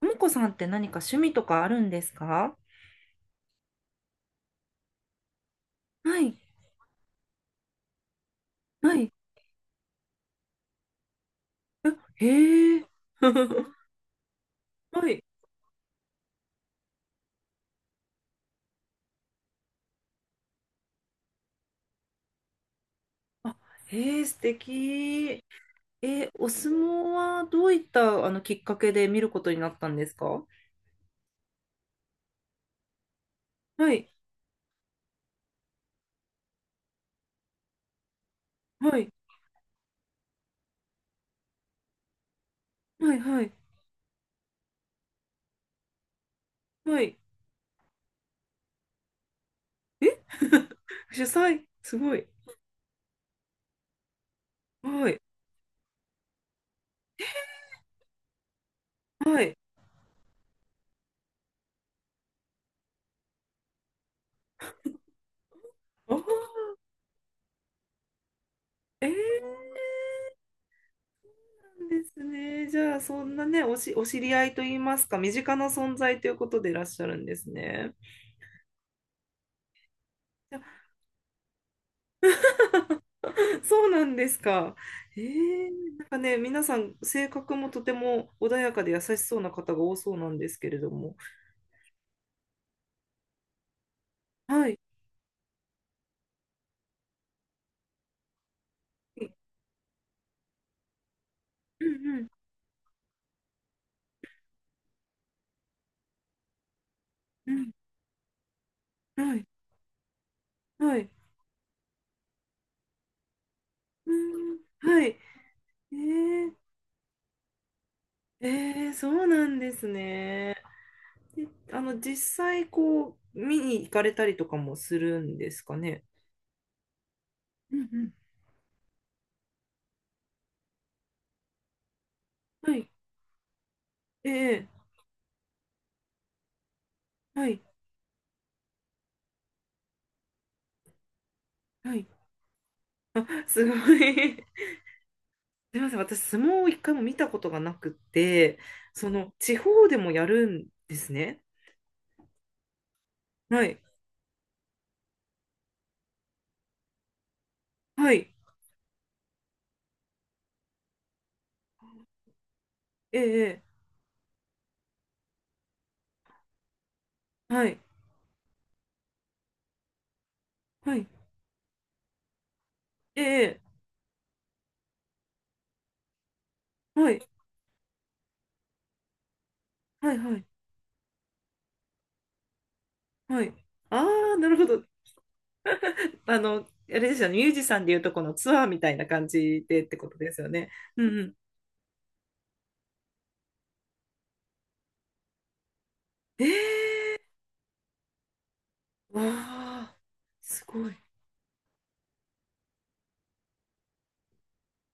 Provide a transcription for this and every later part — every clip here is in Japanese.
ともこさんって何か趣味とかあるんですか？はい、はい。え、へえ。はい。あ、へえ、素敵。え、お相撲はどういったあのきっかけで見ることになったんですか？はい、はい、はい、はい、はい。え、 主催、すごい。はい、はい。あー、えー、なんですね。じゃあ、そんなね、お知り合いといいますか、身近な存在ということでいらっしゃるんですね。そうなんですか。ええ、なんかね、皆さん性格もとても穏やかで優しそうな方が多そうなんですけれども。はい。うんうんうん。はい。はい。うん。はい。ええええ、そうなんですね。で、実際こう、見に行かれたりとかもするんですかね。うんうん。はい。ええ、はい。はい。あ、すごい。すみません、私、相撲を一回も見たことがなくて、地方でもやるんですね。はい、はい、ええ、ええ、はい、はい、ええ、はい、はい、はい、はい。ああ、なるほど。あれですよね、ミュージシャンでいうとこのツアーみたいな感じでってことですよね。うんうん。ええ、わあ、すごい。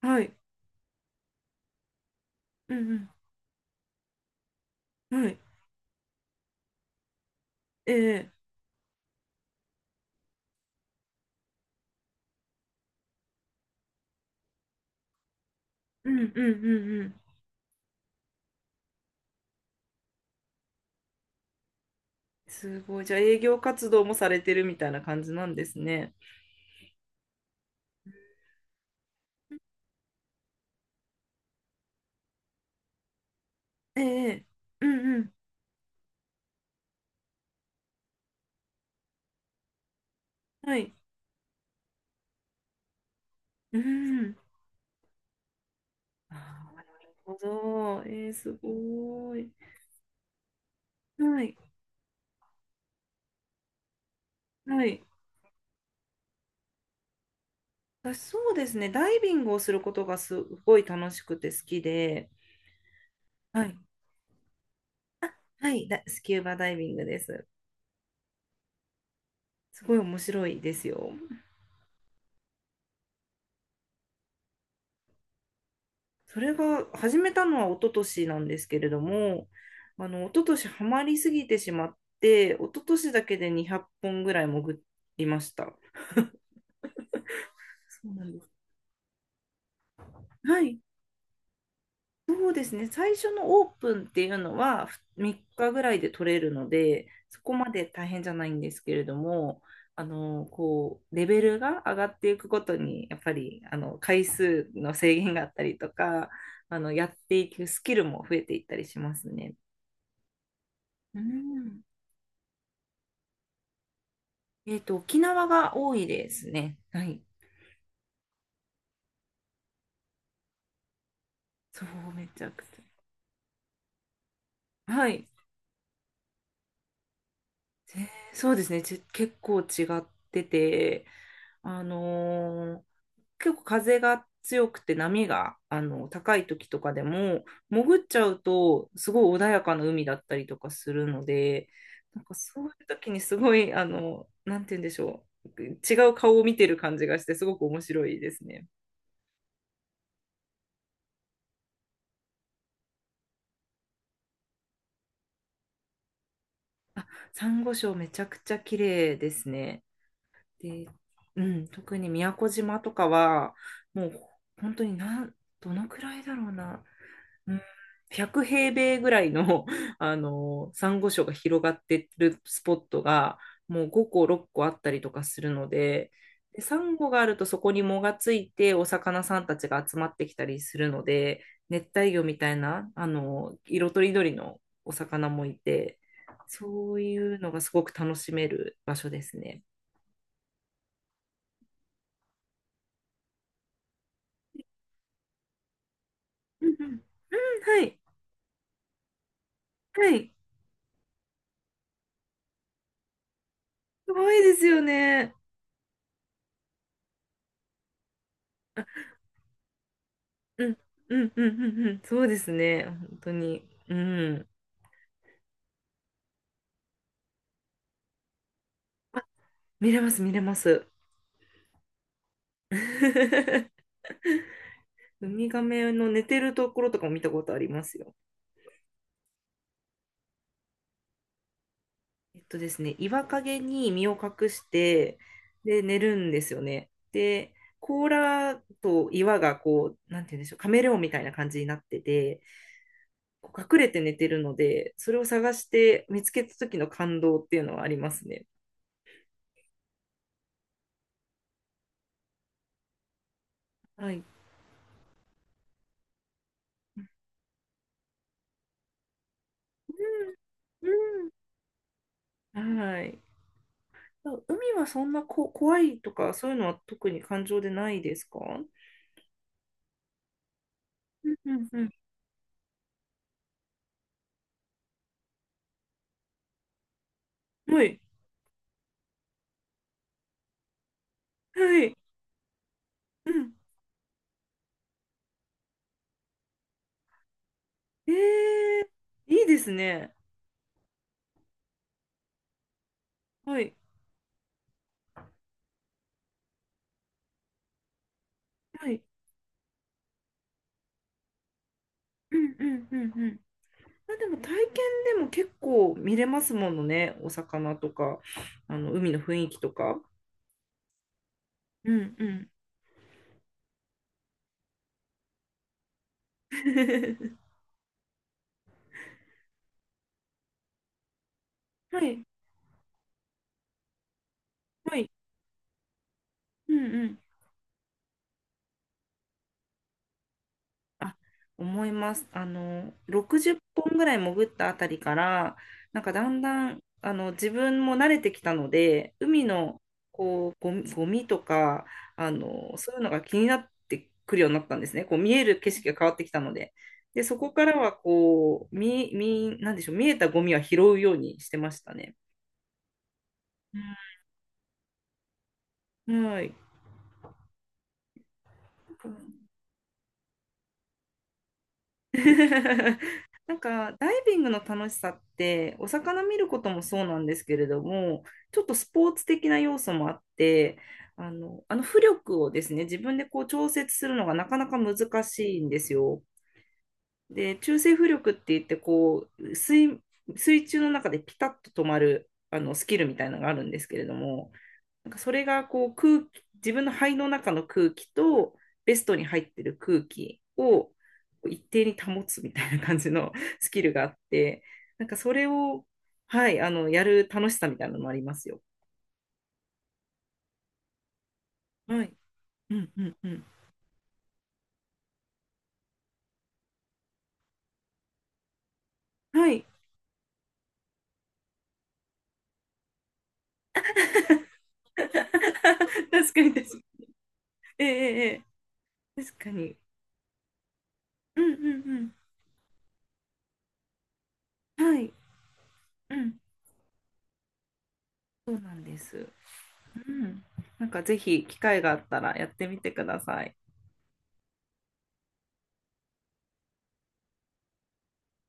はい、うんうん、はい、ええ、うんうんうんうん。すごい。じゃあ、営業活動もされてるみたいな感じなんですね。ええ、うんうん、はい、うん。ああ、なるほど。ええ、すごい。はい、はい。私、そうですね、ダイビングをすることがすごい楽しくて好きで、はい、はい、スキューバダイビングです。すごい面白いですよ。それが始めたのは一昨年なんですけれども、一昨年ハマりすぎてしまって、一昨年だけで200本ぐらい潜りました。そうなんです。はい。そうですね、最初のオープンっていうのは3日ぐらいで取れるので、そこまで大変じゃないんですけれども、レベルが上がっていくごとに、やっぱり回数の制限があったりとか、やっていくスキルも増えていったりしますね。うん。沖縄が多いですね。はい。そう、めちゃくちゃ。はい。そうですね、結構違ってて、あのー結構風が強くて波が高い時とかでも潜っちゃうとすごい穏やかな海だったりとかするので、なんかそういう時にすごいなんて言うんでしょう、違う顔を見てる感じがしてすごく面白いですね。あ、サンゴ礁めちゃくちゃ綺麗ですね。で、うん、特に宮古島とかはもう本当にどのくらいだろうな、うん、100平米ぐらいの、珊瑚礁が広がってるスポットが、もう5個、6個あったりとかするので、で、サンゴがあるとそこに藻がついて、お魚さんたちが集まってきたりするので、熱帯魚みたいな、色とりどりのお魚もいて、そういうのがすごく楽しめる場所ですね。うんうんうん、はい、はい、すごいですよね。うん、うん、うん、うん、うん、そうですね、本当に。うん。見れます、見れます。ウミガメの寝てるところとかも見たことありますよ。ですね、岩陰に身を隠して、で、寝るんですよね。で、甲羅と岩がこう、なんて言うんでしょう、カメレオンみたいな感じになってて、こう隠れて寝てるので、それを探して見つけた時の感動っていうのはありますね。はい。うんうん。はい。海はそんな怖いとか、そういうのは特に感情でないですか？うんうんうん、はい。はい。うん。えー、いいですね。はい。はい。うんうんうんうん。まあ、でも体験でも結構見れますものね。お魚とか、海の雰囲気とか。うんうん。はい。はい。うんうん、あ、思います。あの、60本ぐらい潜ったあたりから、なんかだんだん、自分も慣れてきたので、海の、こう、ゴミとか、そういうのが気になってくるようになったんですね。こう、見える景色が変わってきたので。で、そこからは、こう、なんでしょう、見えたゴミは拾うようにしてましたね。うん、はい。なんかダイビングの楽しさってお魚見ることもそうなんですけれども、ちょっとスポーツ的な要素もあって、浮力をですね、自分でこう調節するのがなかなか難しいんですよ。で、中性浮力って言って、こう、水中の中でピタッと止まるスキルみたいなのがあるんですけれども、なんかそれがこう、空気、自分の肺の中の空気とベストに入ってる空気を一定に保つみたいな感じの スキルがあって、なんかそれを、はい、やる楽しさみたいなのもありますよ。はい。うんうんうん。はい。確かに、確かに。ええええええ、確かに。うんうんうん。はい。うん。そうなんです。うん。なんかぜひ機会があったらやってみてください。